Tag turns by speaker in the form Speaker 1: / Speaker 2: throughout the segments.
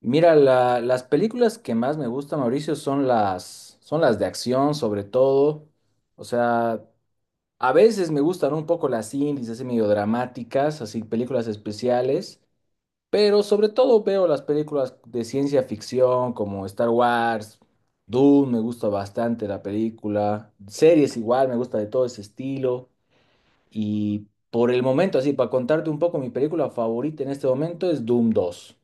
Speaker 1: Mira, las películas que más me gustan, Mauricio, son las de acción, sobre todo. O sea, a veces me gustan un poco las indies, así medio dramáticas, así películas especiales, pero sobre todo veo las películas de ciencia ficción como Star Wars, Dune, me gusta bastante la película, series igual, me gusta de todo ese estilo. Y por el momento, así, para contarte un poco, mi película favorita en este momento es Doom dos.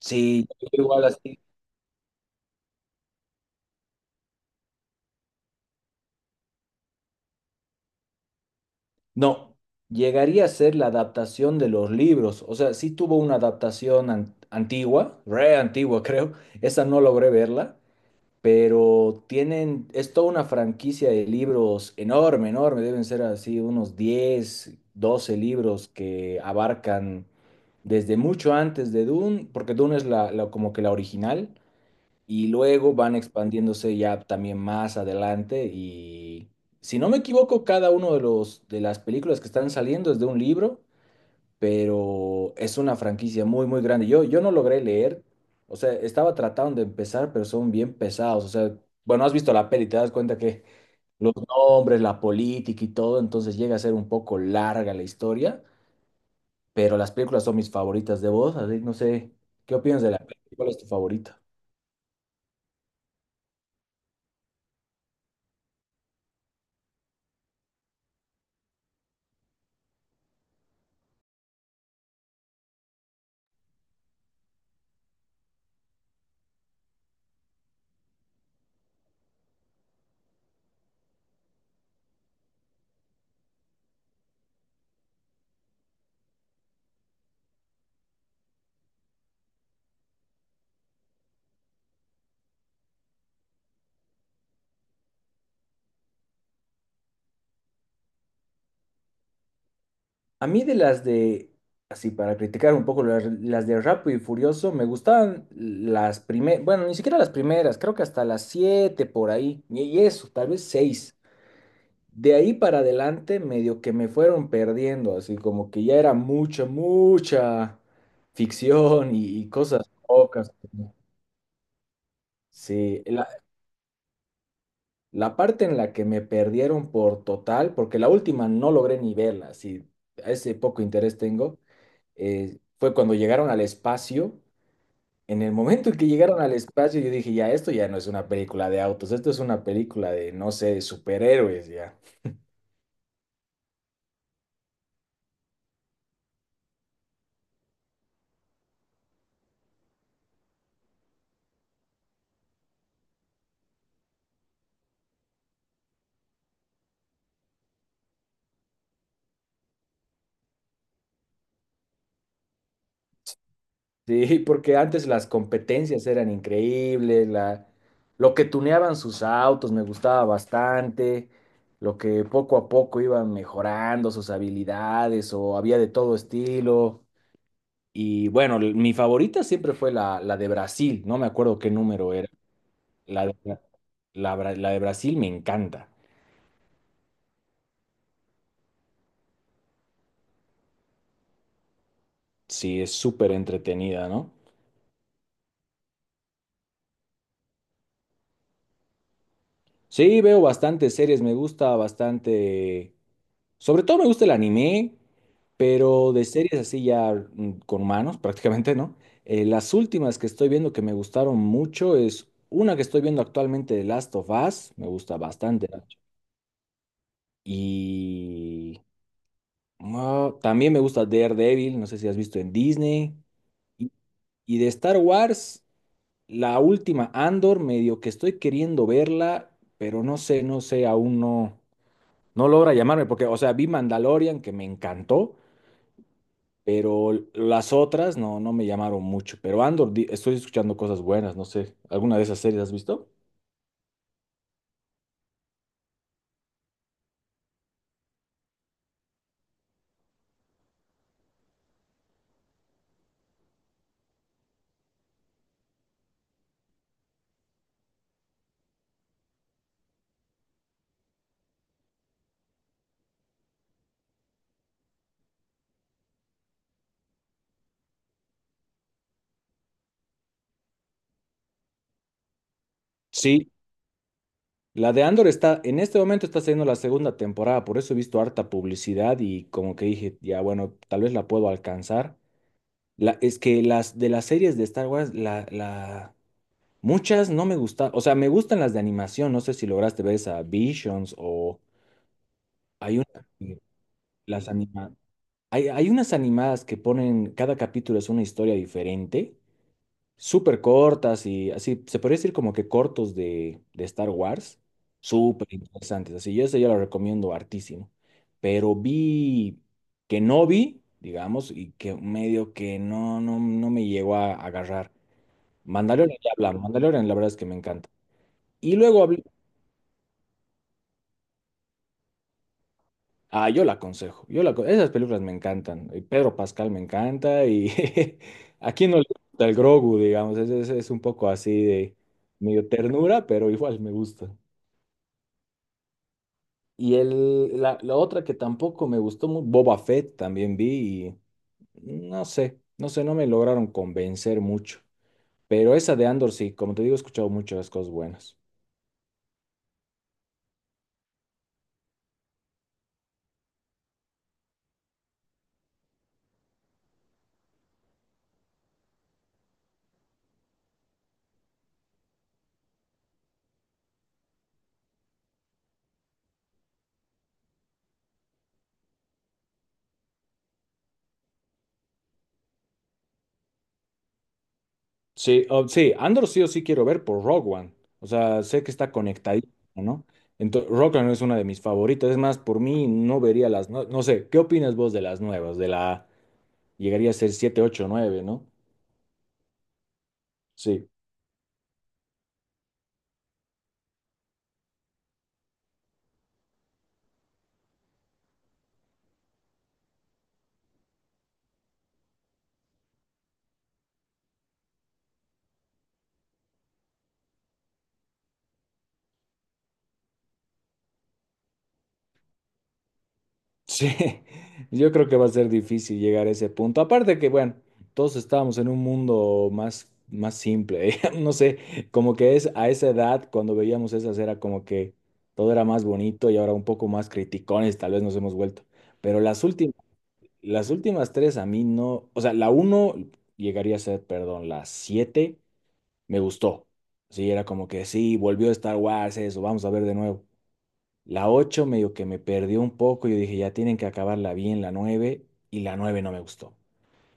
Speaker 1: Sí, yo igual así. No, llegaría a ser la adaptación de los libros. O sea, sí tuvo una adaptación antigua, re antigua creo. Esa no logré verla, pero tienen, es toda una franquicia de libros enorme, enorme. Deben ser así unos 10, 12 libros que abarcan desde mucho antes de Dune, porque Dune es como que la original y luego van expandiéndose ya también más adelante y si no me equivoco, cada uno de los de las películas que están saliendo es de un libro, pero es una franquicia muy muy grande. Yo no logré leer, o sea, estaba tratando de empezar, pero son bien pesados, o sea, bueno, has visto la peli, te das cuenta que los nombres, la política y todo, entonces llega a ser un poco larga la historia, pero las películas son mis favoritas de vos, así que no sé, ¿qué opinas de la peli? ¿Cuál es tu favorita? A mí de las de, así para criticar un poco las de Rápido y Furioso, me gustaban las primeras, bueno, ni siquiera las primeras, creo que hasta las siete por ahí, y eso, tal vez seis. De ahí para adelante, medio que me fueron perdiendo, así como que ya era mucha, mucha ficción y cosas locas. Sí, la parte en la que me perdieron por total, porque la última no logré ni verla, así, ese poco interés tengo. Fue cuando llegaron al espacio. En el momento en que llegaron al espacio, yo dije, ya, esto ya no es una película de autos, esto es una película de, no sé, de superhéroes, ya. Sí, porque antes las competencias eran increíbles, lo que tuneaban sus autos me gustaba bastante, lo que poco a poco iban mejorando sus habilidades o había de todo estilo. Y bueno, mi favorita siempre fue la de Brasil, no me acuerdo qué número era. La de- la de Brasil me encanta. Sí, es súper entretenida, ¿no? Sí, veo bastantes series, me gusta bastante. Sobre todo me gusta el anime, pero de series así ya con manos prácticamente, ¿no? Las últimas que estoy viendo que me gustaron mucho es una que estoy viendo actualmente de Last of Us, me gusta bastante de hecho. Y también me gusta Daredevil, no sé si has visto en Disney. Y, y de Star Wars. La última, Andor, medio que estoy queriendo verla, pero no sé, aún no logra llamarme, porque, o sea, vi Mandalorian, que me encantó, pero las otras no me llamaron mucho. Pero Andor, estoy escuchando cosas buenas, no sé, ¿alguna de esas series has visto? Sí, la de Andor está, en este momento está saliendo la segunda temporada, por eso he visto harta publicidad y como que dije, ya bueno, tal vez la puedo alcanzar. Es que las de las series de Star Wars, muchas no me gustan, o sea, me gustan las de animación, no sé si lograste ver esa Visions o hay una que las anima, hay unas animadas que ponen, cada capítulo es una historia diferente, súper cortas y así, se podría decir como que cortos de Star Wars, súper interesantes, así, yo eso yo lo recomiendo hartísimo, pero vi que no vi, digamos, y que medio que no me llegó a agarrar. Mandalorian ya hablamos, Mandalorian la verdad es que me encanta. Y luego hablé. Ah, yo la aconsejo. Yo esas películas me encantan. Pedro Pascal me encanta y a quién no le gusta el Grogu, digamos. Es un poco así de medio ternura, pero igual me gusta. Y la otra que tampoco me gustó mucho, Boba Fett también vi y no sé, no me lograron convencer mucho. Pero esa de Andor sí, como te digo, he escuchado muchas cosas buenas. Sí, sí, Andor sí o sí quiero ver por Rogue One. O sea, sé que está conectadísimo, ¿no? Entonces, Rogue One es una de mis favoritas. Es más, por mí no vería No sé, ¿qué opinas vos de las nuevas? De la. Llegaría a ser siete, ocho, nueve, ¿no? Sí, sí. Yo creo que va a ser difícil llegar a ese punto. Aparte que, bueno, todos estábamos en un mundo más, más simple. No sé, como que es a esa edad, cuando veíamos esas, era como que todo era más bonito y ahora un poco más criticones, tal vez nos hemos vuelto. Pero las últimas. Las últimas tres a mí no, o sea, la uno llegaría a ser, perdón, la siete me gustó. Sí, era como que sí, volvió Star Wars, eso, vamos a ver de nuevo. La ocho medio que me perdió un poco, yo dije, ya tienen que acabarla bien la nueve, y la nueve no me gustó.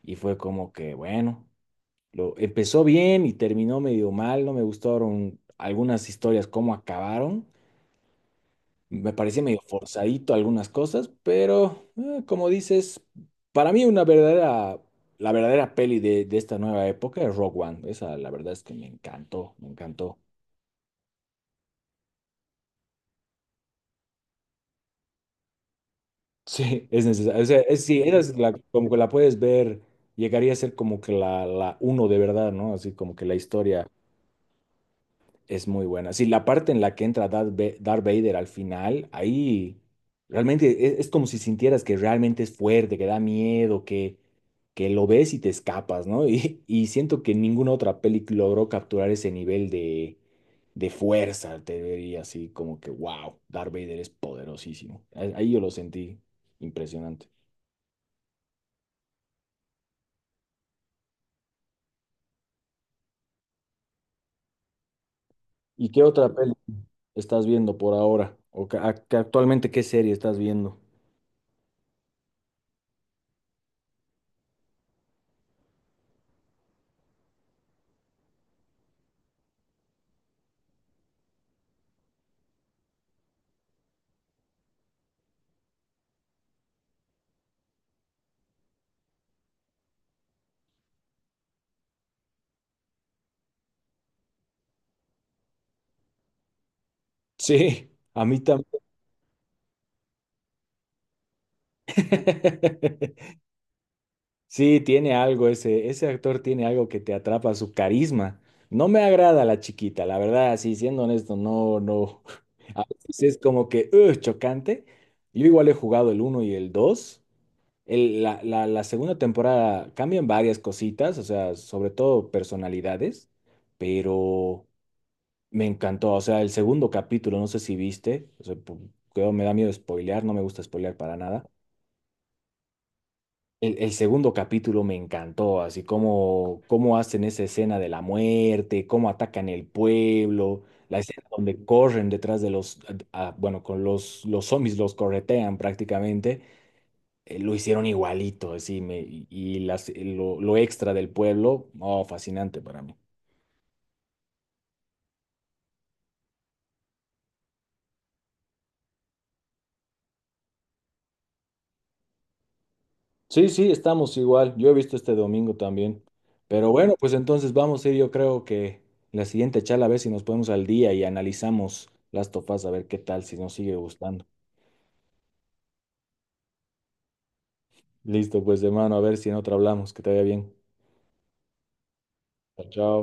Speaker 1: Y fue como que, bueno, lo empezó bien y terminó medio mal, no me gustaron algunas historias cómo acabaron, me parecía medio forzadito algunas cosas, pero como dices, para mí una verdadera, la verdadera peli de esta nueva época es Rogue One. Esa la verdad es que me encantó, me encantó. Sí, es necesario. O sea, es, sí, esa es como que la puedes ver, llegaría a ser como que la uno de verdad, ¿no? Así como que la historia. Es muy buena. Sí, la parte en la que entra Darth Vader al final, ahí realmente es como si sintieras que realmente es fuerte, que da miedo, que lo ves y te escapas, ¿no? Y siento que ninguna otra peli logró capturar ese nivel de fuerza, te diría así como que, wow, Darth Vader es poderosísimo. Ahí yo lo sentí impresionante. ¿Y qué otra peli estás viendo por ahora? ¿O que actualmente qué serie estás viendo? Sí, a mí también. Sí, tiene algo ese, actor tiene algo que te atrapa, su carisma. No me agrada la chiquita, la verdad, así siendo honesto, no, no. A veces es como que, "Ugh", chocante. Yo igual he jugado el uno y el dos. La segunda temporada cambian varias cositas, o sea, sobre todo personalidades, pero me encantó. O sea, el segundo capítulo, no sé si viste, o sea, me da miedo spoilear, no me gusta spoilear para nada. El segundo capítulo me encantó, así como cómo hacen esa escena de la muerte, cómo atacan el pueblo, la escena donde corren detrás de los, bueno, con los zombies los corretean prácticamente, lo hicieron igualito, así, me, y las, lo extra del pueblo, oh, fascinante para mí. Sí, sí, estamos igual. Yo he visto este domingo también. Pero bueno, pues entonces vamos a ir, yo creo que la siguiente charla a ver si nos ponemos al día y analizamos las tofas a ver qué tal, si nos sigue gustando. Listo, pues de mano, a ver si en otra hablamos. Que te vaya bien. Chao, chao.